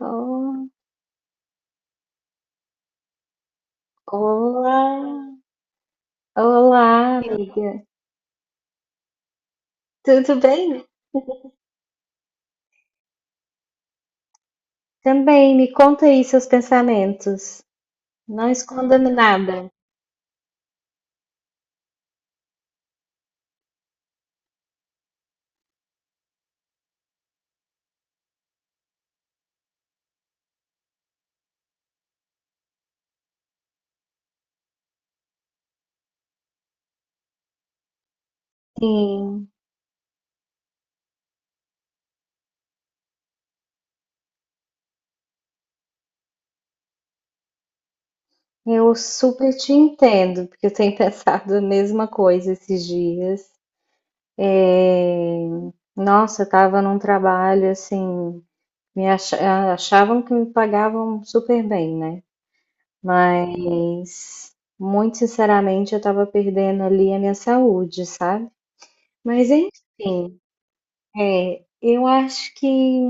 Oh, olá, olá, amiga. Tudo bem? Também, me conta aí seus pensamentos. Não esconda-me nada. Sim, eu super te entendo, porque eu tenho pensado a mesma coisa esses dias. É, Nossa, eu tava num trabalho assim, me acha- achavam que me pagavam super bem, né? Mas, muito sinceramente, eu tava perdendo ali a minha saúde, sabe? Mas enfim. É, eu acho que,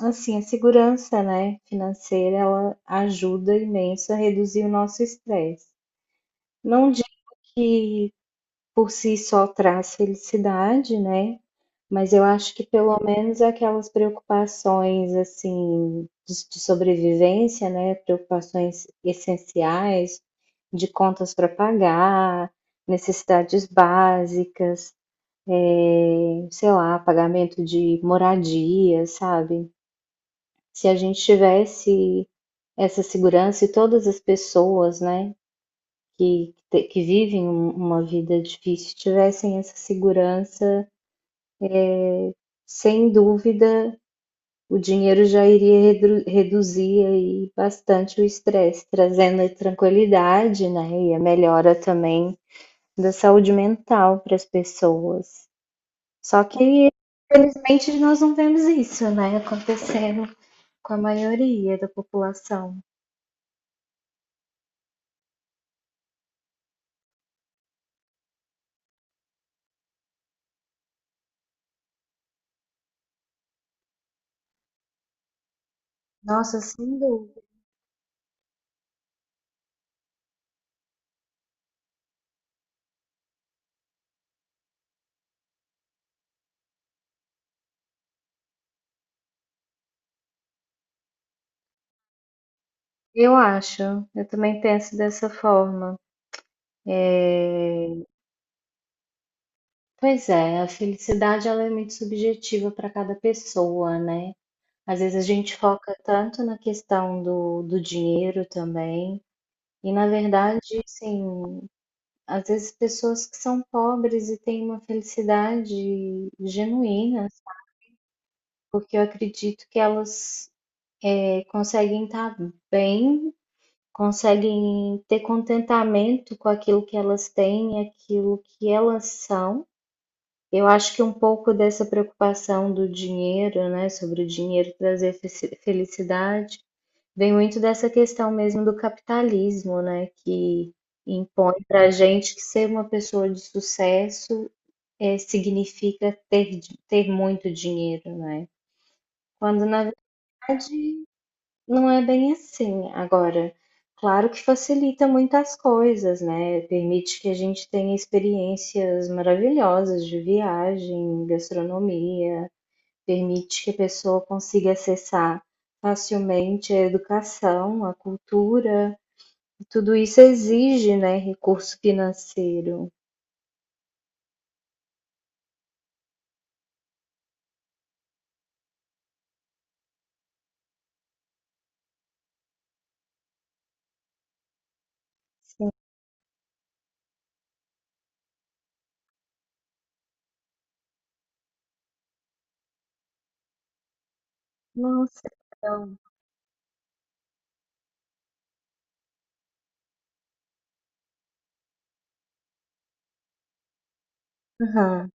assim, a segurança, né, financeira, ela ajuda imenso a reduzir o nosso estresse. Não digo que por si só traz felicidade, né, mas eu acho que pelo menos aquelas preocupações, assim, de sobrevivência, né, preocupações essenciais, de contas para pagar, necessidades básicas, sei lá, pagamento de moradia, sabe? Se a gente tivesse essa segurança e todas as pessoas, né, que vivem uma vida difícil tivessem essa segurança, sem dúvida, o dinheiro já iria reduzir aí bastante o estresse, trazendo a tranquilidade, né, e a melhora também da saúde mental para as pessoas. Só que, infelizmente, nós não vemos isso, né, acontecendo com a maioria da população. Nossa, sem dúvida. Eu acho, eu também penso dessa forma. É, pois é, a felicidade ela é muito subjetiva para cada pessoa, né? Às vezes a gente foca tanto na questão do dinheiro também, e na verdade, assim, às vezes pessoas que são pobres e têm uma felicidade genuína, porque eu acredito que elas conseguem estar bem, conseguem ter contentamento com aquilo que elas têm, aquilo que elas são. Eu acho que um pouco dessa preocupação do dinheiro, né, sobre o dinheiro trazer felicidade, vem muito dessa questão mesmo do capitalismo, né, que impõe para a gente que ser uma pessoa de sucesso significa ter, ter muito dinheiro, né? Quando na verdade não é bem assim. Agora, claro que facilita muitas coisas, né, permite que a gente tenha experiências maravilhosas de viagem, gastronomia, permite que a pessoa consiga acessar facilmente a educação, a cultura, e tudo isso exige, né, recurso financeiro. Sim. Nossa, então. Aham.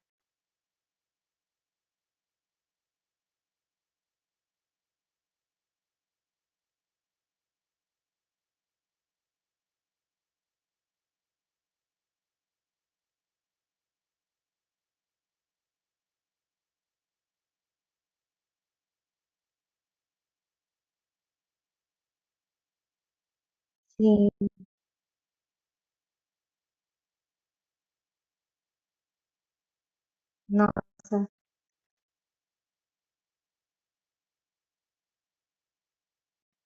Sim, nossa,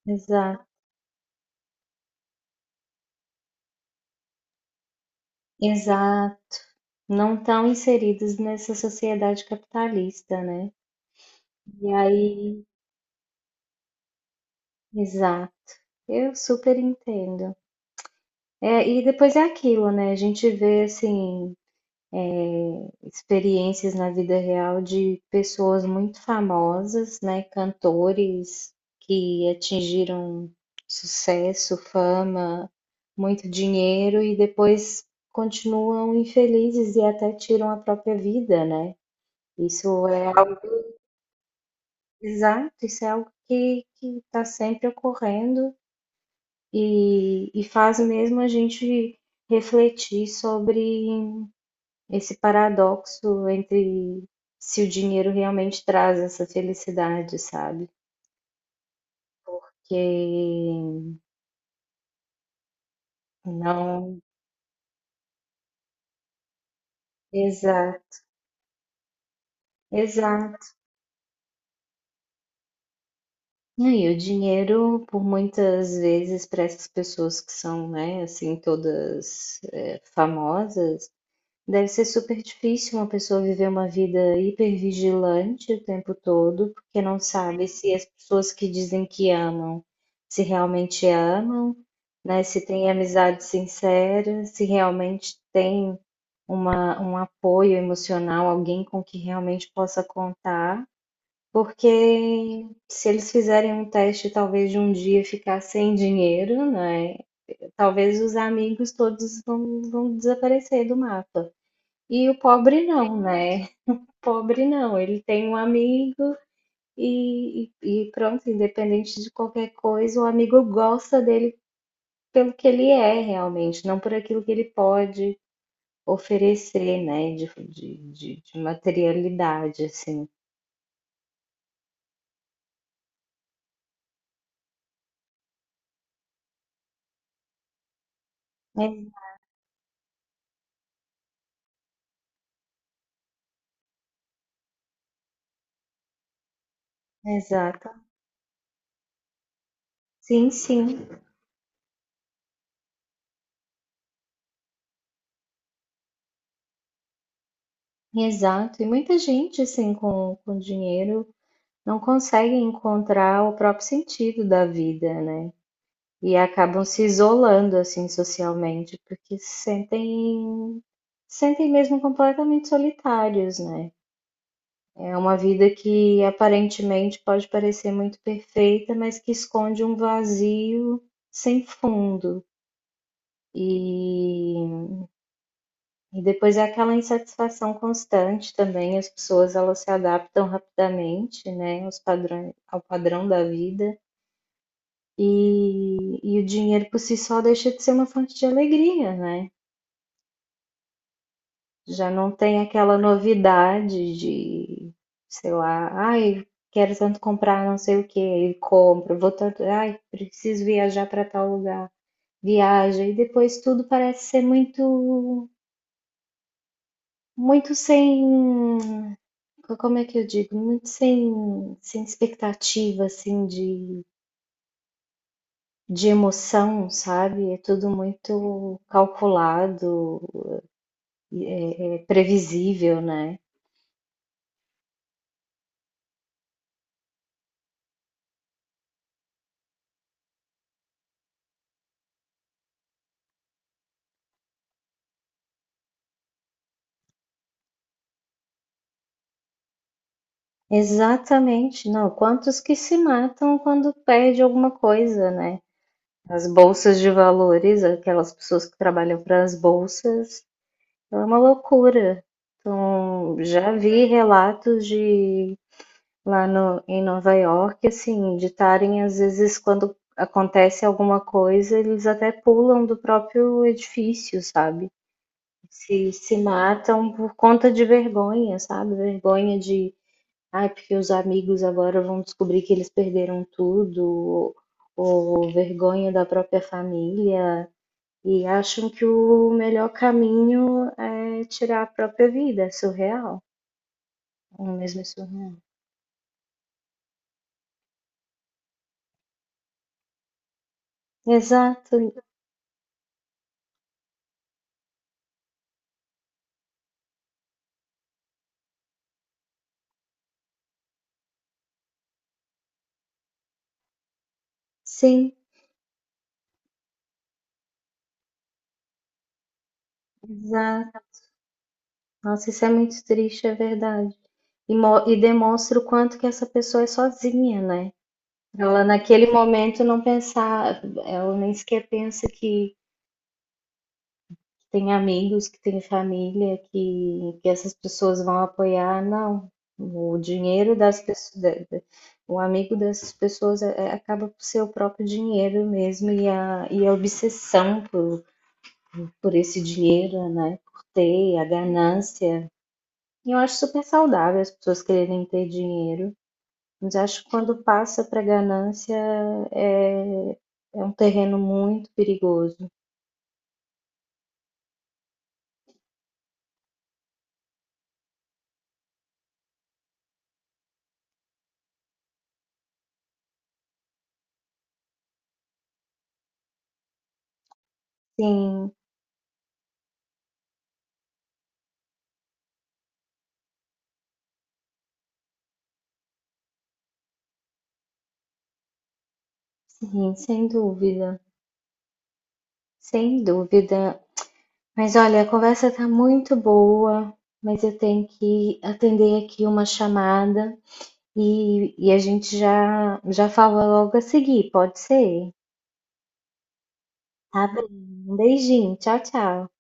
exato, exato. Não estão inseridos nessa sociedade capitalista, né? E aí, exato, eu super entendo. É, e depois é aquilo, né? A gente vê assim experiências na vida real de pessoas muito famosas, né? Cantores que atingiram sucesso, fama, muito dinheiro e depois continuam infelizes e até tiram a própria vida, né? Isso é exato, isso é algo que está sempre ocorrendo e faz mesmo a gente refletir sobre esse paradoxo entre se o dinheiro realmente traz essa felicidade, sabe? Que não exato, exato. E o dinheiro, por muitas vezes, para essas pessoas que são, né, assim, todas, famosas. Deve ser super difícil uma pessoa viver uma vida hipervigilante o tempo todo, porque não sabe se as pessoas que dizem que amam, se realmente amam, né? Se tem amizade sincera, se realmente tem uma, um apoio emocional, alguém com que realmente possa contar. Porque se eles fizerem um teste, talvez de um dia ficar sem dinheiro, né? Talvez os amigos todos vão desaparecer do mapa. E o pobre não, né? O pobre não, ele tem um amigo e pronto, independente de qualquer coisa, o amigo gosta dele pelo que ele é realmente, não por aquilo que ele pode oferecer, né? De materialidade, assim. É, exato. Sim, sim, exato. E muita gente, assim, com dinheiro não consegue encontrar o próprio sentido da vida, né? E acabam se isolando, assim, socialmente, porque se sentem mesmo completamente solitários, né. É uma vida que aparentemente pode parecer muito perfeita, mas que esconde um vazio sem fundo. E depois é aquela insatisfação constante também, as pessoas elas se adaptam rapidamente, né, aos padrões ao padrão da vida, e o dinheiro por si só deixa de ser uma fonte de alegria, né. Já não tem aquela novidade de, sei lá, ai, quero tanto comprar não sei o que, e compro, vou tanto, ai, preciso viajar para tal lugar, viaja, e depois tudo parece ser muito, muito sem, como é que eu digo, muito sem, sem expectativa, assim, de emoção, sabe? É tudo muito calculado, é, é previsível, né? Exatamente, não. Quantos que se matam quando perde alguma coisa, né? As bolsas de valores, aquelas pessoas que trabalham para as bolsas, é uma loucura. Então, já vi relatos de lá no, em Nova York, assim, de estarem, às vezes, quando acontece alguma coisa, eles até pulam do próprio edifício, sabe? Se matam por conta de vergonha, sabe? Vergonha de ai, porque os amigos agora vão descobrir que eles perderam tudo, ou vergonha da própria família, e acham que o melhor caminho é tirar a própria vida, é surreal. Ou mesmo é surreal. Exato, sim, exato. Nossa, isso é muito triste, é verdade. E, e demonstra o quanto que essa pessoa é sozinha, né? Ela naquele momento não pensar, ela nem sequer pensa que tem amigos que têm família que essas pessoas vão apoiar, não. O dinheiro das pessoas, o amigo dessas pessoas acaba por ser o próprio dinheiro mesmo e a obsessão por esse dinheiro, né? Por ter, a ganância. E eu acho super saudável as pessoas quererem ter dinheiro, mas acho que quando passa para ganância é, é um terreno muito perigoso. Sim, sim, sem dúvida. Sem dúvida, mas olha, a conversa tá muito boa, mas eu tenho que atender aqui uma chamada e a gente já já fala logo a seguir, pode ser? Tá bem. Um beijinho, tchau, tchau.